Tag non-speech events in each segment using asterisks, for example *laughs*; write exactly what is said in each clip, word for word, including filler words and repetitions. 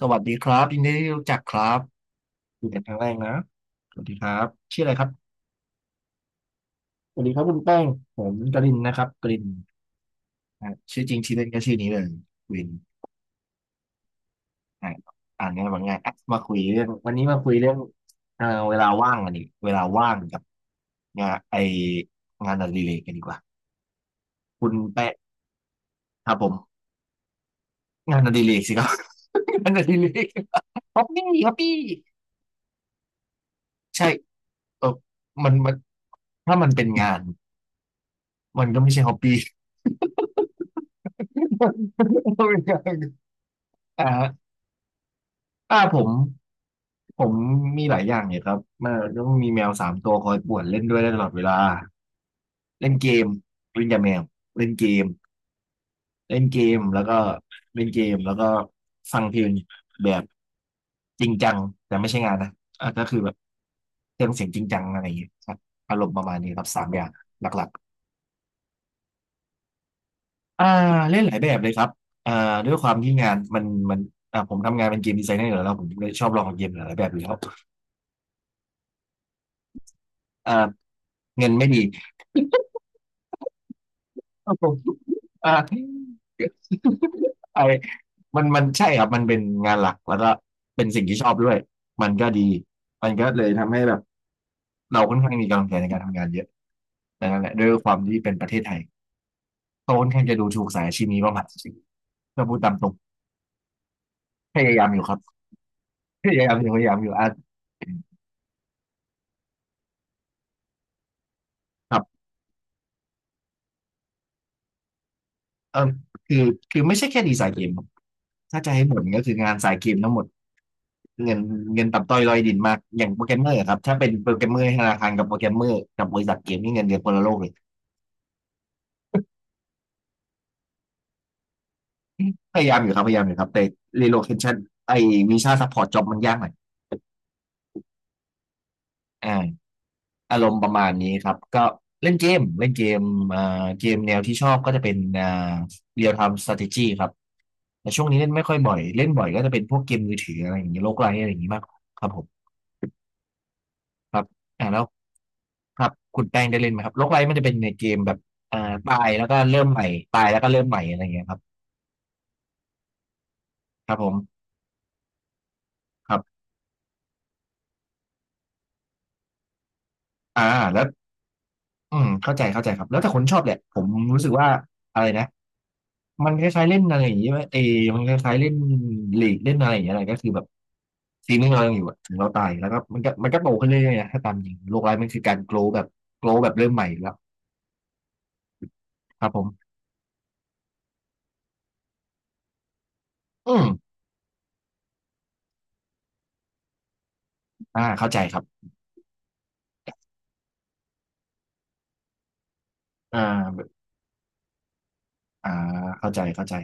สวัสดีครับยินดีที่รู้จักครับคุยกันครั้งแรกนะสวัสดีครับชื่ออะไรครับสวัสดีครับคุณแป้งผมกรินนะครับกรินอ่ะชื่อจริงชื่อเล่นก็ชื่อนี้เลยกรินอ่ะอ่านง่าบบาง่ายอ่ะมาคุยเรื่องวันนี้มาคุยเรื่องเอ่อเวลาว่างกันดิเวลาว่างกับงานไองานอดิเรกกันดีกว่าคุณแป้งครับผมงานอดิเรกสิครับ *laughs* งานอดิเรกฮอปปี้ฮอปปี้ใช่เออมันมันถ้ามันเป็นงานมันก็ไม่ใช่ฮอปปี้ *laughs* ไม่ได้อ่าอ่าผมผมมีหลายอย่างเนี่ยครับมันต้องมีแมวสามตัวคอยป่วนเล่นด้วยได้ตลอดเวลาเล่นเกมเล่นกับแมวเล่นเกมเล่นเกมแล้วก็เล่นเกมแล้วก็ฟังเพลงแบบจริงจังแต่ไม่ใช่งานนะอ่าก็คือแบบเครื่องเสียงจริงจังอะไรอย่างเงี้ยครับอารมณ์ประมาณนี้ครับสามอย่างหลักๆอ่าเล่นหลายแบบเลยครับอ่าด้วยความที่งานมันมันอ่าผมทำงานเป็นเกมดีไซเนอร์อยู่แล้วผมเลยชอบลองเกมหลายๆแบบอยู่แล้วอ่า เงินไม่ดีก็ผมอ่า *laughs* ไอมันมันใช่ครับ มันเป็นงานหลักแล้วก็เป็นสิ่งที่ชอบด้วย มันก็ดี มันก็เลยทำให้แบบเราค่อนข้างมีกำลังใจในการทำงานเยอะแต่นั่นแหละด้วยความที่เป็นประเทศไทยเขาค่อนข้างจะดูถูกสายอาชีพนี้ประมาณสิก็พูดตามตรงพยายามอยู่ครับพยายามอยู่พยายามอยู่อ่ะครับเออคือคือไม่ใช่แค่ดีไซน์เกมครับถ้าจะให้บ่นก็คืองานสายเกมทั้งหมด เงินเงินต่ำต้อยลอยดินมากอย่างโปรแกรมเมอร์ครับถ้าเป็นโปรแกรมเมอร์ธนาคารกับโปรแกรมเมอร์กับบริษัทเกมนี่เงินเดือนคนละโลกเลยพยายามอยู่ครับพยายามอยู่ครับแต่ relocation ไอ้วีซ่าซัพพอร์ตจ็อบมันยากหน่อยอ่าอารมณ์ประมาณนี้ครับก็เล่นเกมเล่นเกมอ่าเกมแนวที่ชอบก็จะเป็นอ่า real time strategy ครับแต่ช่วงนี้เล่นไม่ค่อยบ่อยเล่นบ่อยก็จะเป็นพวกเกมมือถืออะไรอย่างเงี้ยโลกไลท์อะไรอย่างงี้มากกว่าครับผม ครับอ่าแล้วครับคุณแป้งได้เล่นไหมครับโลกไลท์มันจะเป็นในเกมแบบอ่าตายแล้วก็เริ่มใหม่ตายแล้วก็เริ่มใหม่อะไรอย่างเงี้ยครับครับผมครับอ่าแล้วอืมเข้าใจเข้าใจครับแล้วแต่คนชอบแหละผมรู้สึกว่าอะไรนะมันคล้ายๆเล่นอะไรอย่างเงี้ยเออมันคล้ายๆเล่นลีกเล่นอะไรอย่างเงี้ยอะไรก็คือแบบซีนงเรายังอยู่อะถึงเราตายแล้วก็มันก็มันก็โตขึ้นเรื่อยๆนะถ้าตามจริงโลกไร้ายมันคือการโกลแบบโกลแบบเริ่มใหม่อยู่แล้วครับผมอืมอ่าเข้าใจครับอ่าอ่าเข้าใจเข้าใจ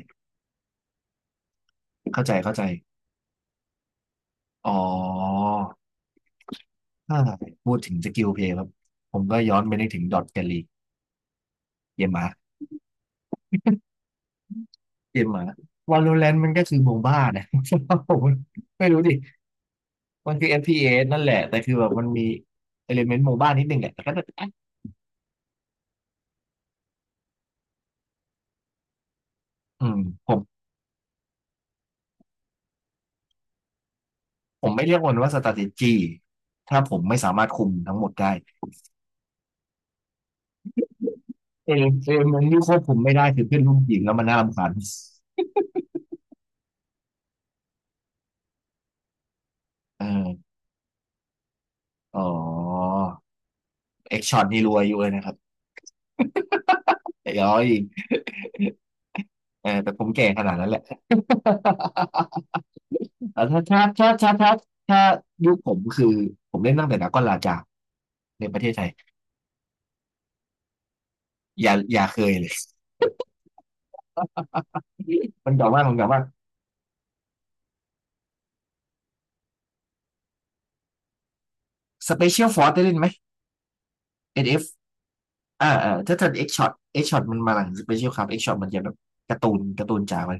เข้าใจเข้าใจอ๋อถ้าพูดถึงสกิลเพลย์ครับ ผมก็ย้อนไปนึกถึงดอทแกลลีเกมหมาเกมหมาวาโลแรนต์มันก็คือโมบ้านะ *laughs* ผมไม่รู้ดิ มันคือเ p สนั่นแหละ แต่คือแบบมันมีเอลิเมนต์โมบ้านิดนึงแหละแต่ก็จะแอ๊ะอืมผมผมไม่เรียกมันว่า strategy ถ้าผมไม่สามารถคุมทั้งหมดได้เอลิเมนต์ที่ควบคุมไม่ได้คือเพื่อนร่วมทีมแล้วมันน่ารำคาญเอออ๋อเอ็กช็อตนี่รวยอยู่เลยนะครับเดี๋ยว เออแต่ผมแก่ขนาดนั้นแหละ *laughs* แต่ถ้าถ้าถ้าถ้าถ้าถ้ายุคผมคือผมเล่นตั้งแต่ดราก้อนลาจาในประเทศไทยอย่าอย่าเคยเลย *laughs* มันกล่าวว่ามันกล่าวว่า Special Force ได้เล่นไหม เอ็น เอฟ อนเอฟอ่าอ่าถ้าทันเอกช็อตเอ็ก Shot มันมาหลัง Special ครับเอ็ก Shot มันจะแบบการ์ตูนการ์ตูนจ๋าไป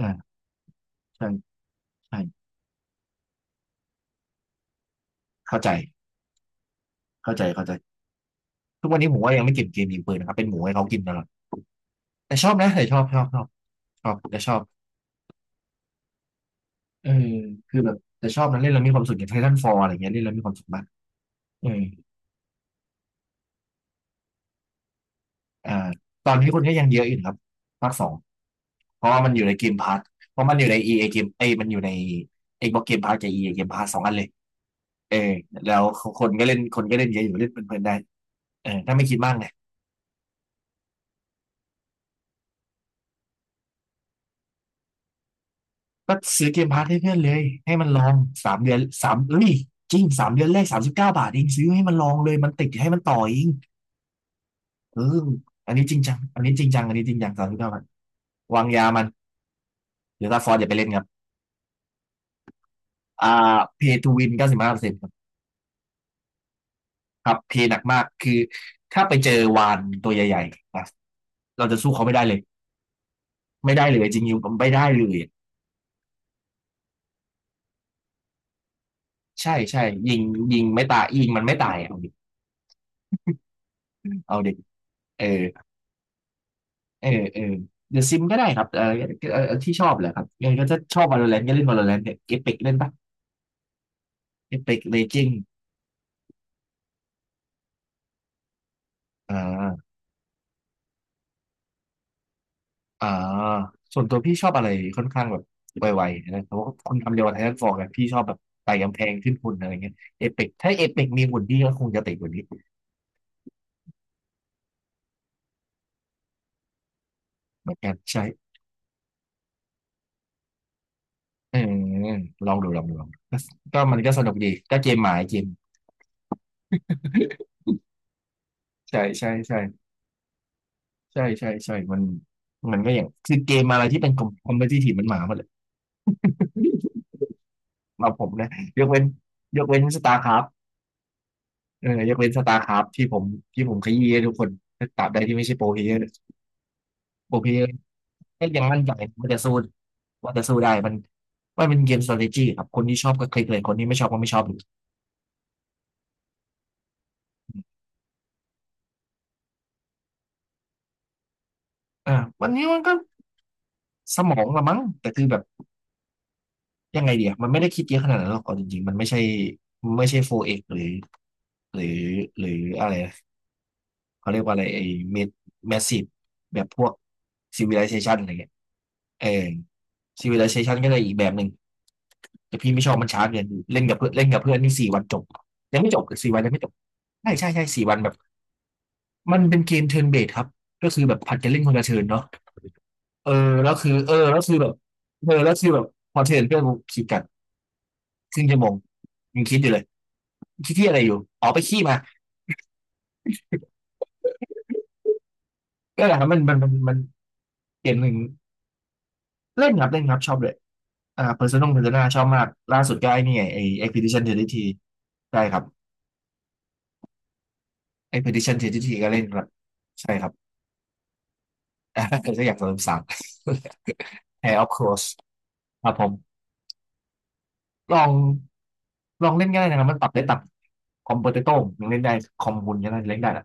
อ่าใช่ใช่เข้าใจเข้าใจเข้าใจทุกวันนี้ผมว่ายังไม่เก็บเกมยิงปืนนะครับเป็นหมูให้เขากินตลอดแต่ชอบนะแต่ชอบชอบชอบชอบแต่ชอบ เออคือแบบแต่ชอบนะเล่นแล้วมีความสุขอย่างไททันฟอลอะไรเงี้ยเล่นแล้วมีความสุขมากเอออ่าตอนนี้คนก็ยังเยอะอยู่นะครับภาคสองเพราะว่ามันอยู่ในเกมพาสเพราะมันอยู่ใน อี เอ เอเกมเอ้ยมันอยู่ใน Xbox Game Pass กับอีเ a Game Pass สองอันเลยเออแล้วคนก็เล่นคนก็เล่นเยอะอยู่เล่นเพลินๆได้เออถ้าไม่คิดมากเนี่ยก็ซื้อเกมพาสให้เพื่อนเลยให้มันลองสามเดือนสามเอ้ยจริงสามเดือนแรกสามสิบเก้าบาทเองซื้อให้มันลองเลยมันติดให้มันต่อเองเอออันนี้จริงจังอันนี้จริงจังอันนี้จริงจังสามสิบเก้าบาทวางยามัน หรือถ้าฟอร์สอย่าไปเล่นครับ อ่าเพย์ทูวินเก้าสิบห้าเปอร์เซ็นต์ครับครับเพย์หนักมากคือถ้าไปเจอวานตัวใหญ่ๆนะเราจะสู้เขาไม่ได้เลย ไม่ได้เลยจริงๆผมไม่ได้เลย ใช่ใช่ยิงยิงไม่ตายยิงมันไม่ตาย เอาดิเอาดิเออเออเออเดอะซิมก็ได้ครับเออเออที่ชอบแหละครับยังไงก็จะชอบ Valorant ก็เล่น Valorant เนี่ย Apex เล่นปะ Apex Legends อ่า อ่าส่วนตัวพี่ชอบอะไรค่อนข้างแบบไวๆนะเพราะว่าคุณทำเดียวกับไททันฟอร์กับพี่ชอบแบบไต่กำแพงขึ้นหุ่นอะไรเงี้ยเอเปกถ้าเอเปกมีหุ่นพี่ก็คงจะติดกว่านี้เหมือนกันใช่เออลองดูลองดูลองดูก็ก็มันก็สนุกดีก็เกมหมายเกมใช่ใช่ใช่ใช่ใช่ใช่มันมันก็อย่างคือเกมอะไรที่เป็นคอมคอมเพทิทีฟมันหมาหมดเลย *laughs* มาผมนะยกเว้นยกเว้นสตาร์คราฟเออยกเว้นสตาร์คราฟที่ผมที่ผมขยี้ให้ทุกคนตราบใดที่ไม่ใช่โปรเพลเยอร์โปรเพลเยอร์ ใหอยังมั่นใจว่าจะสู้ว่าจะสู้ได้มันมันเป็นเกม strategy ครับคนที่ชอบก็คลิกเลยคนที่ไม่ชอบก็ไม่ชอบเลยอ่าวันนี้มันก็สมองละมั้งแต่คือแบบยังไงเดียมันไม่ได้คิดเยอะขนาดนั้นหรอกเอาจริงๆมันไม่ใช่มันไม่ใช่ โฟร์ เอ็กซ์ หรือหรือหรืออะไรนะเขาเรียกว่าอะไรไอ้เมดแมสซีฟแบบพวก civilization อะไรเงี้ยเออ civilization ก็เลยอีกแบบหนึ่งแต่พี่ไม่ชอบมันช้าเกินเล่นกับเพื่อนเล่นกับเพื่อนนี่สี่วันจบยังไม่จบสี่วันยังไม่จบใช่ใช่ใช่สี่วันแบบ มันเป็นเกมเทิร์นเบสครับก็คือแบบผัดกันเล่นคนละเทิร์นเนาะเออ แล้วคือเออแล้วคือแบบเออแล้วคือแบบพอเทิร์นเพื่อนกูคิดกันครึ่งชั่วโมงยังคิดอยู่เลยคิดที่อะไรอยู่อ๋อไปขี้มาก็แหละครับมันมันมันมันเกมหนึ่งเล่นครับเล่นครับชอบเลยอ่า Personal Persona ชอบมากล่าสุดก็ไอ้นี่ไงไอ้ Expedition สามสิบสามได้ครับ Expedition สามสิบสามก็เล่นครับใช่ครับ *laughs* อ่าก็อยากสามสาม *laughs* ง a i r of c o u r s ครับผมลอง ลองเล่นง่ายนะครับมันปรับได้ต่ำคอมโพเตโต้ยังเล่นได้คอมมูนยังเล่นได้ละ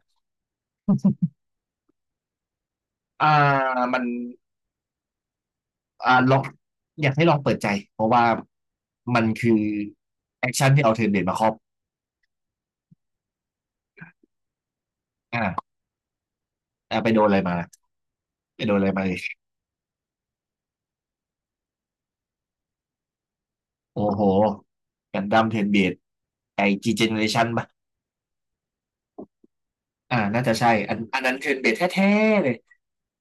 อ่ามันอ่าลองอยากให้ลองเปิดใจเพราะว่ามันคือแอคชั่นที่เอาเทรนเบดมาครอบอ่าอ่าไปโดนอะไรมาไปโดนอะไรมาเลยโอ้โหกันดั้มเทรนเบดไอจีเจเนเรชันปะอ่าน่าจะใช่อันอันนั้นเทรนเบดแท้ๆเลย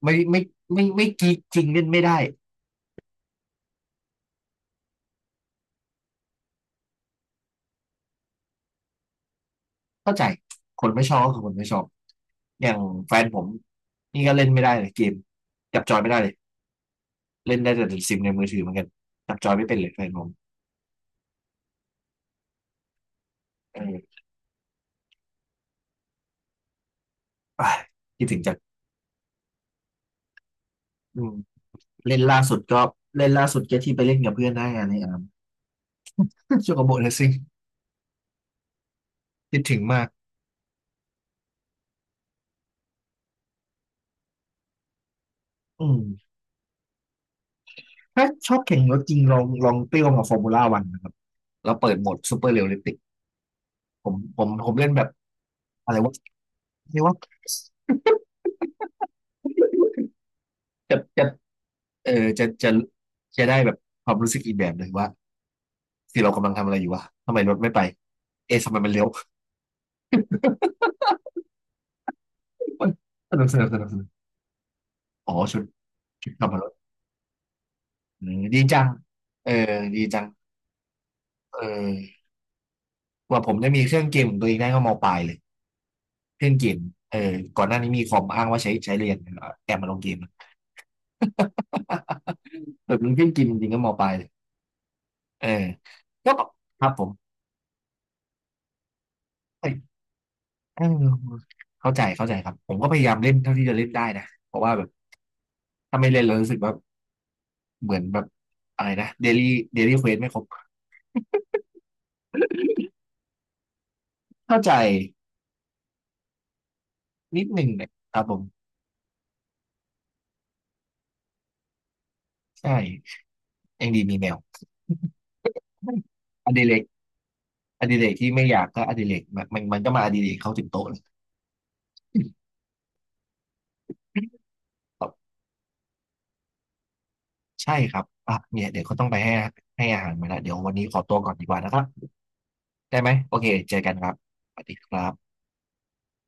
ไม่ไม่ไม่ไม่กีจริงเล่นไม่ได้เข้าใจคนไม่ชอบก็คือคนไม่ชอบอย่างแฟนผมนี่ก็เล่นไม่ได้เลยเกมจับจอยไม่ได้เลย เล่นได้แต่ซิมในมือถือเหมือนกันจับจอยไม่เป็นเลยแฟนผมเอออ่ะคิดถึงจัดอืมเล่นล่าสุดก็เล่นล่าสุดแค่ที่ไปเล่นกับเพื่อนหน้างานในอาร์ม *laughs* โชโกโบเลสซิ่งคิดถึงมากอืมถ้าชอบแข่งรถจริงลองลองเปรี้ยวกับฟอร์มูล่าวันนะครับแล้วเปิดโหมดซูเปอร์เรียลลิติกผมผมผมเล่นแบบอะไรวะเรียกว่า *laughs* จะจะเออจะจะจะได้แบบความรู้สึกอีกแบบหนึ่งว่าที่เรากำลังทำอะไรอยู่วะทำไมรถไม่ไปเอ๊ะทำไมมันเลี้ยว *laughs* สนุกสนุกสนุกสนุกอ๋อชุดชุดทำ อืมดีจังเออดีจังเออกว่าผมจะมีเครื่องเกมของตัวเองได้ก็มปลายเลยเครื่องเกมเออก่อนหน้านี้มีคอมอ้างว่าใช้ใช้เรียนเอาแอบมาลงเกม *laughs* แบบมีเครื่องเกมจริงๆก็มปลายเลยเออก็ครับผมเอ้ยเออเข้าใจเข้าใจครับผมก็พยายามเล่นเท่าที่จะเล่นได้นะเพราะว่าแบบถ้าไม่เล่นแล้วรู้สึกว่าเหมือนแบบอะไรนะเดลี่เดลี่เควสไม่ครบเข้าใจนิดหนึ่งเนี่ยครับผมใช่ยังดีมีแมว *laughs* อดิเรก อดิเรกที่ไม่อยากก็อดิเรกมันมันมันก็มาอดิเรกเข้าถึงโต๊ะเลยครับใช่ครับอ่ะเนี่ยเดี๋ยวเขาต้องไปให้ให้อาหารมาแล้วเดี๋ยววันนี้ขอตัวก่อนดีกว่านะครับได้ไหมโอเคเจอกันครับสวัสดีครับ